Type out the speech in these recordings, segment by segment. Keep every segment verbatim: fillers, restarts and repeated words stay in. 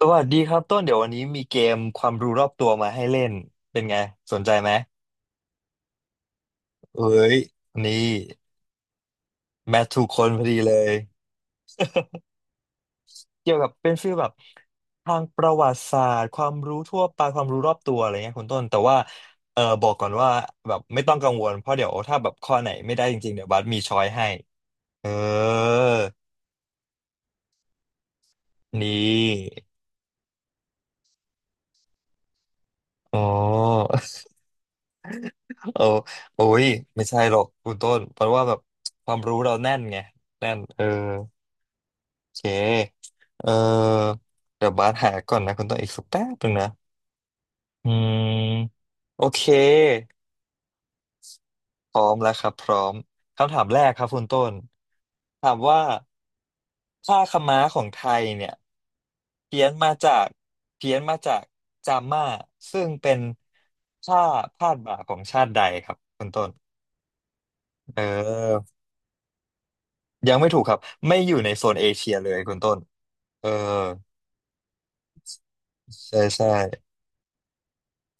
สวัสดีครับต้นเดี๋ยววันนี้มีเกมความรู้รอบตัวมาให้เล่นเป็นไงสนใจไหมเอ้ยนี่แมทถูกคนพอดีเลยเกี่ยวกับเป็นฟีลแบบทางประวัติศาสตร์ความรู้ทั่วไปความรู้รอบตัวอะไรเงี้ยคุณต้นแต่ว่าเออบอกก่อนว่าแบบไม่ต้องกังวลเพราะเดี๋ยวถ้าแบบข้อไหนไม่ได้จริงๆเดี๋ยวบัสมีช้อยให้เออนี่อ๋อ โอ้โอ้ยไม่ใช่หรอกคุณต้นเพราะว่าแบบความรู้เราแน่นไงแน่นเออ เคเออเดี๋ยวบาสหาก่อนนะคุณต้องอีกสักแป๊บหนึ่งนะอืมโอเคพร้อมแล้วครับพร้อมคำถามแรกครับคุณต้นถามว่าผ้าขม้าของไทยเนี่ยเพี้ยนมาจากเพี้ยนมาจากจาม่าซึ่งเป็นผ้าพาดบ่าของชาติใดครับคุณต้นเออยังไม่ถูกครับไม่อยู่ในโซนเอเชียเลยคุณต้นเออใช่ใช่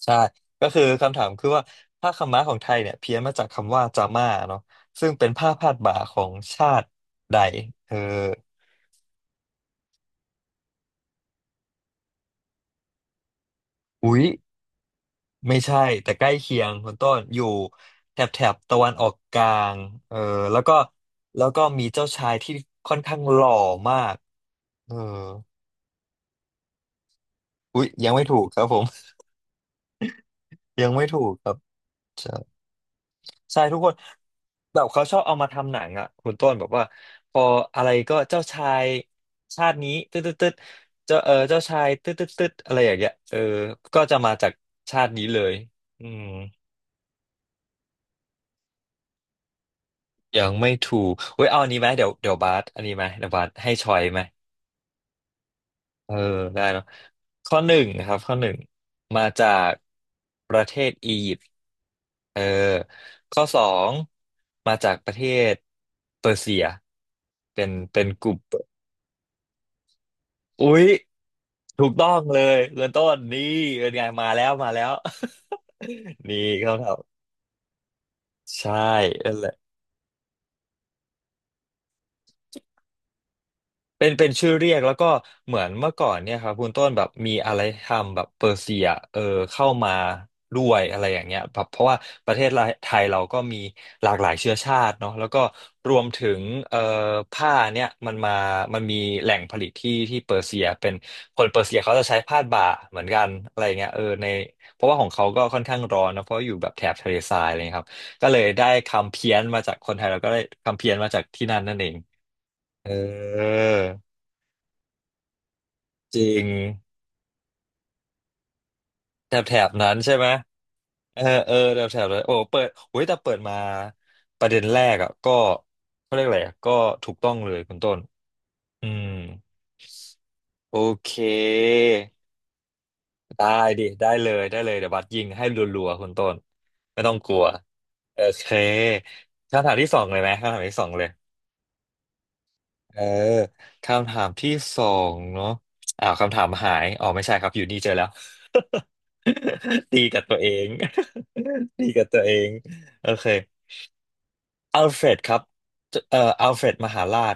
ใช่ก็คือคำถามคือว่าผ้าขาวม้าของไทยเนี่ยเพี้ยนมาจากคำว่าจาม่าเนาะซึ่งเป็นผ้าพาดบ่าของชาติใดเอออุ๊ยไม่ใช่แต่ใกล้เคียงคุณต้นอยู่แถบแถบตะวันออกกลางเออแล้วก็แล้วก็มีเจ้าชายที่ค่อนข้างหล่อมากเอออุ๊ยยังไม่ถูกครับผม ยังไม่ถูกครับ ใช่ทุกคนแบบเขาชอบเอามาทำหนังอ่ะคุณต้นแบบว่าพออะไรก็เจ้าชายชาตินี้ตึ๊ดตึ๊ดตึ๊ดเจ้าเออเจ้าชายตึ๊ดตึ๊ดตึ๊ดอะไรอย่างเงี้ยเออก็จะมาจากชาตินี้เลยอืมยังไม่ถูกเว้ยเอาอันนี้ไหมเดี๋ยวเดี๋ยวบาสอันนี้ไหมเดี๋ยวบาสให้ชอยไหม เออได้เนาะข้อหนึ่งนะครับข้อหนึ่งมาจากประเทศอียิปต์เออข้อสองมาจากประเทศเปอร์เซียเป็นเป็นกลุ่มอุ๊ยถูกต้องเลยเริ่มต้นนี่เป็นไงมาแล้วมาแล้ว นี่เขาทำใช่ เป็นเป็นชื่อเรียกแล้วก็เหมือนเมื่อก่อนเนี่ยครับคุณต้นแบบมีอะไรทำแบบเปอร์เซียเออเข้ามาด้วยอะไรอย่างเงี้ยแบบเพราะว่าประเทศไทยเราก็มีหลากหลายเชื้อชาติเนาะแล้วก็รวมถึงเอ่อผ้าเนี่ยมันมามันมีแหล่งผลิตที่ที่เปอร์เซียเป็นคนเปอร์เซียเขาจะใช้ผ้าบ่าเหมือนกันอะไรเงี้ยเออในเพราะว่าของเขาก็ค่อนข้างร้อนนะเพราะอยู่แบบแถบทะเลทรายอะไรเงี้ยครับก็เลยได้คำเพี้ยนมาจากคนไทยเราก็ได้คำเพี้ยนมาจากที่นั่นนั่นเองเออ จริงแถบแถบนั้นใช่ไหมเออเออแถบแถบนั้นโอ้เปิดโอ้ยแต่เปิดมาประเด็นแรกอ่ะก็เขาเรียกอะไรอะก็ถูกต้องเลยคุณต้นอืมโอเคได้ดิได้เลยได้เลยเดี๋ยวบัสยิงให้รัวๆคุณต้นไม่ต้องกลัวโอเคคำถามที่สองเลยไหมคำถามที่สองเลยเออคำถามที่สองเนาะอ้าวคำถามหายอ๋อไม่ใช่ครับอยู่นี่เจอแล้ว ตีกับตัวเอง ตีกับตัวเองโอเค อัลเฟรดครับเอ่ออัลเฟรดมหาราช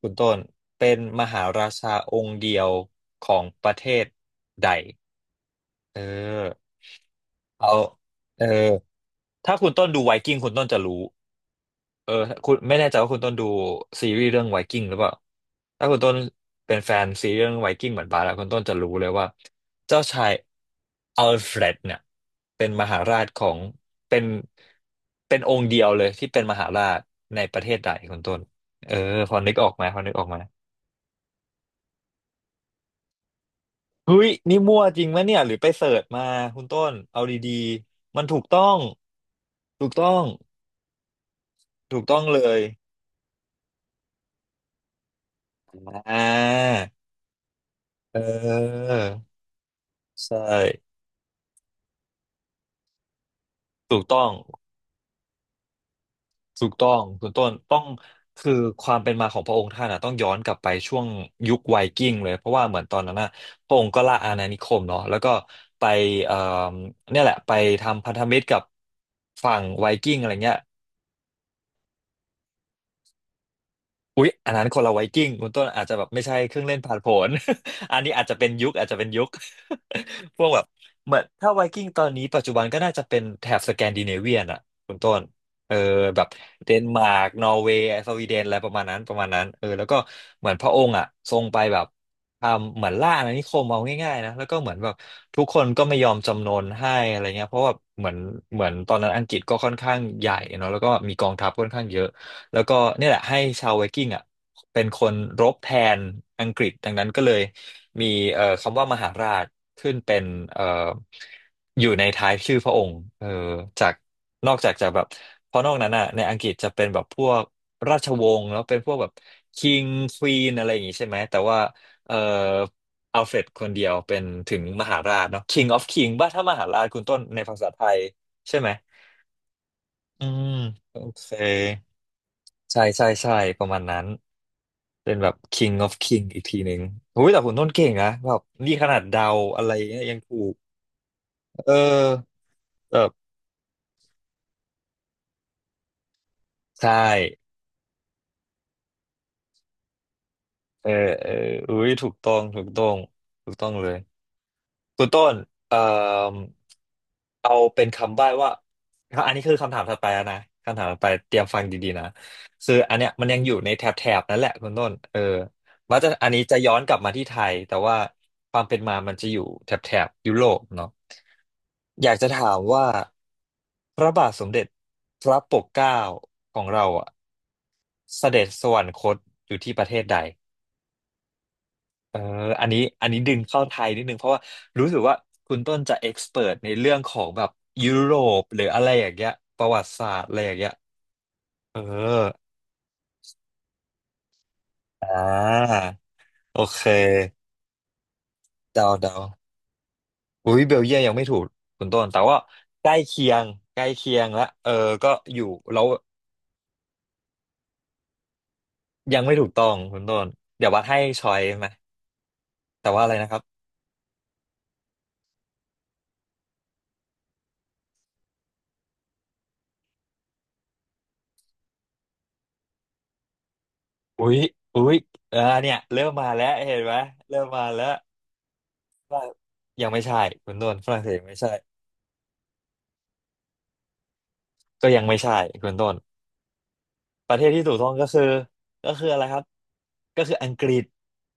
คุณต้นเป็นมหาราชาองค์เดียวของประเทศใด เออเอาเออถ้าคุณต้นดูไวกิ้งคุณต้นจะรู้ เออคุณไม่แน่ใจว่าคุณต้นดูซีรีส์เรื่องไวกิ้งหรือเปล่าถ้าคุณต้นเป็นแฟนซีรีส์เรื่องไวกิ้งเหมือนบาร์แล้วคุณต้นจะรู้เลยว่าเจ้าชายอัลเฟรดเนี่ยเป็นมหาราชของเป็นเป็นองค์เดียวเลยที่เป็นมหาราชในประเทศใดคุณต้นเออพอนึกออกไหมพอนึกออกไหมเฮ้ยนี่มั่วจริงไหมเนี่ยหรือไปเสิร์ชมาคุณต้นเอาดีๆมันถูกต้องถูกต้องถูกต้องเลยอ่าเออใช่ ถูกต้องถูกต้องคุณต้นต้องคือความเป็นมาของพระองค์ท่านอ่ะต้องย้อนกลับไปช่วงยุคไวกิ้งเลยเพราะว่าเหมือนตอนนั้นน่ะพระองค์ก็ล่าอาณานิคมเนาะแล้วก็ไปเอ่อเนี่ยแหละไปทำพันธมิตรกับฝั่งไวกิ้งอะไรเงี้ย อุ๊ยอันนั้นคนละไวกิ้งคุณต้นอาจจะแบบไม่ใช่เครื่องเล่นพ่านผน อันนี้อาจจะเป็นยุคอาจจะเป็นยุค พวกแบบเหมือนถ้าไวกิ้งตอนนี้ปัจจุบันก็น่าจะเป็นแถบสแกนดิเนเวียนอ่ะคุณต้นเออแบบเดนมาร์กนอร์เวย์สวีเดนอะไรประมาณนั้นประมาณนั้นเออแล้วก็เหมือนพระองค์อ่ะทรงไปแบบทำเหมือนล่าอาณานิคมเอาง่ายๆนะแล้วก็เหมือนแบบทุกคนก็ไม่ยอมจำนนให้อะไรเงี้ยเพราะว่าเหมือนเหมือนตอนนั้นอังกฤษก็ค่อนข้างใหญ่เนาะแล้วก็มีกองทัพค่อนข้างเยอะ แล้วก็เนี่ยแหละให้ชาวไวกิ้งอ่ะเป็นคนรบแทนอังกฤษดังนั้นก็เลยมีเอ่อคำว่ามหาราชขึ้นเป็นเอ่ออยู่ในท้ายชื่อพระองค์เออจากนอกจากจะแบบเพราะนอกนั้นอ่ะในอังกฤษจะเป็นแบบพวกราชวงศ์แล้วเป็นพวกแบบคิงควีนอะไรอย่างงี้ใช่ไหมแต่ว่าเอ่ออัลเฟรดคนเดียวเป็นถึงมหาราชเนาะ King of King บ้าถ้ามหาราชคุณต้นในภาษาไทยใช่ไหมอืมโอเค ใช่ใช่ใช่ประมาณนั้นเป็นแบบ King of King อีกทีหนึ่งโอ้ยแต่คุณต้นเก่งนะแบบนี่ขนาดเดาอะไรเงี้ยยังถูกเออแบบใช่เออเอออุ้ยถูกต้องถูกต้องถูกต้องเลย คุณต้นเอ่อเอาเป็นคำใบ้ว่าอันนี้คือคำถามถัดไปแล้วนะคำถามถัดไปเตรียมฟังดีๆนะคืออันเนี้ยมันยังอยู่ในแถบแถบนั่นแหละคุณต้นเออว่าจะอันนี้จะย้อนกลับมาที่ไทยแต่ว่าความเป็นมามันจะอยู่แถบแถบยุโรปเนาะอยากจะถามว่าพระบาทสมเด็จพระปกเกล้าของเราอ่ะเสด็จสวรรคตอยู่ที่ประเทศใด เอออันนี้อันนี้ดึงเข้าไทยนิดนึงเพราะว่ารู้สึกว่าคุณต้นจะเอ็กซ์เพิร์ในเรื่องของแบบยุโรปหรืออะไรอย่างเงี้ยประวัติศาสตร์อะไรอย่างเงี้ยเอออ่าโอเคเดาเดาอุ้ยเบลเยียมยังไม่ถูกคุณต้นแต่ว่าใกล้เคียงใกล้เคียงละเออก็อยู่แล้วยังไม่ถูกต้องคุณต้นเดี๋ยววัดให้ชอยไหมแต่ว่าอะไรนะครับอุ้ยอุ้ยเออเนี่ยเริ่มมาแล้วเห็นไหมเริ่มมาแล้วว่ายังไม่ใช่คุณต้นฝรั่งเศสไม่ใช่ ก็ยังไม่ใช่คุณต้นประเทศที่ถูกต้องก็คือก็คืออะไรครับก็คืออังกฤษ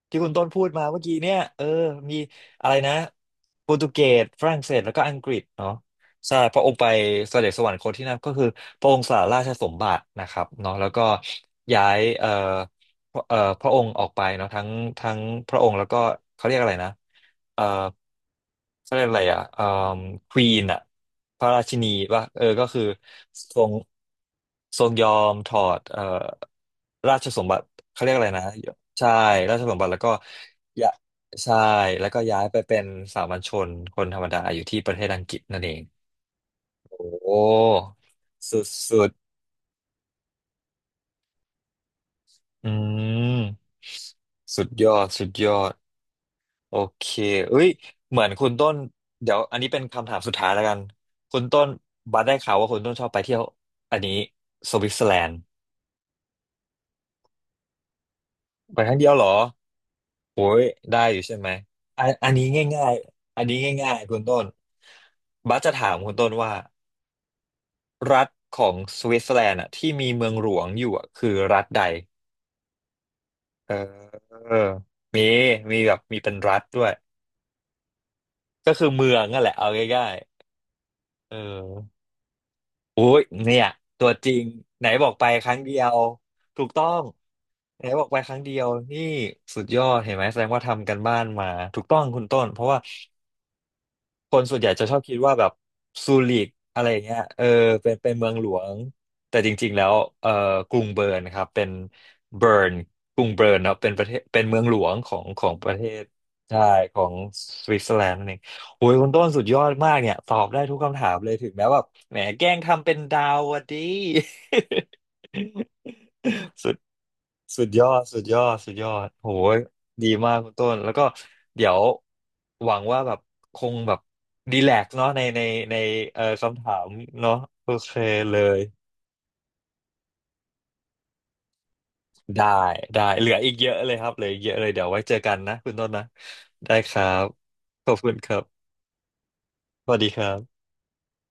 ที่คุณต้นพูดมาเมื่อกี้เนี่ยเออมีอะไรนะโปรตุเกสฝรั่งเศสแล้วก็อังกฤษเนาะใช่พระองค์ไปเสด็จสวรรคตที่นั่นก็คือพระองค์สละราชสมบัตินะครับเนาะแล้วก็ย้ายเอ่อ พระเอ่อพระองค์ออกไปเนาะทั้งทั้งพระองค์แล้วก็เขาเรียกอะไรนะเอ่อเขาเรียกอะไรอ่ะเอ่อควีนอ่ะพระราชินีว่าเออก็คือทรงทรงยอมถอดเอ่อราชสมบัติเขาเรียกอะไรนะใช่ราชสมบัติแล้วก็ยะใช่แล้วก็ย้ายไปเป็นสามัญชนคนธรรมดาอยู่ที่ประเทศอังกฤษนั่นเองโอ้สุดสุดอืมสุดยอดสุดยอด โอเคเอ้ย เหมือนคุณต้นเดี๋ยวอันนี้เป็นคำถามสุดท้ายแล้วกัน คุณต้นบัสได้ข่าวว่าคุณต้นชอบไปเที่ยวอันนี้สวิตเซอร์แลนด์ไปครั้งเดียวเหรอโอ้ยได้อยู่ใช่ไหม อันอันนี้ง่ายๆอันนี้ง่ายๆคุณต้นบัสจะถามคุณต้นว่ารัฐของสวิตเซอร์แลนด์อะที่มีเมืองหลวงอยู่อะคือรัฐใดเออเออมีมีแบบมีเป็นรัฐด้วยก็คือเมืองนั่นแหละเอาง่ายๆเออ โอ้ยเนี่ยตัวจริงไหนบอกไปครั้งเดียวถูกต้องไหนบอกไปครั้งเดียวนี่สุดยอดเห็นไหมแสดงว่าทำกันบ้านมาถูกต้องคุณต้นเพราะว่า คนส่วนใหญ่จะชอบคิดว่าแบบซูริกอะไรอย่างเงี้ยเออเป็นเป็นเมืองหลวงแต่จริงๆแล้วเออกรุงเบิร์นครับเป็นเบิร์นกรุงเบิร์นเนาะเป็นประเทศเป็นเมืองหลวงของของประเทศใช่ของสวิตเซอร์แลนด์นั่นเองโอ้ยคุณต้นสุดยอดมากเนี่ยตอบได้ทุกคำถามเลยถึงแม้ว่าแหมแกล้งทำเป็นดาวอะดี สุ สุดยอดสุดยอดสุดยอดโหยดีมากคุณต้นแล้วก็เดี๋ยวหวังว่าแบบคงแบบดีแลกซ์เนาะในในในเอ่อคำถามเนาะโอเคเลยได้ได้เหลืออีกเยอะเลยครับเหลืออีกเยอะเลยเดี๋ยวไว้เจอกันนะคุณต้นนะได้ครับขอบคุณครับสวัสดีครับ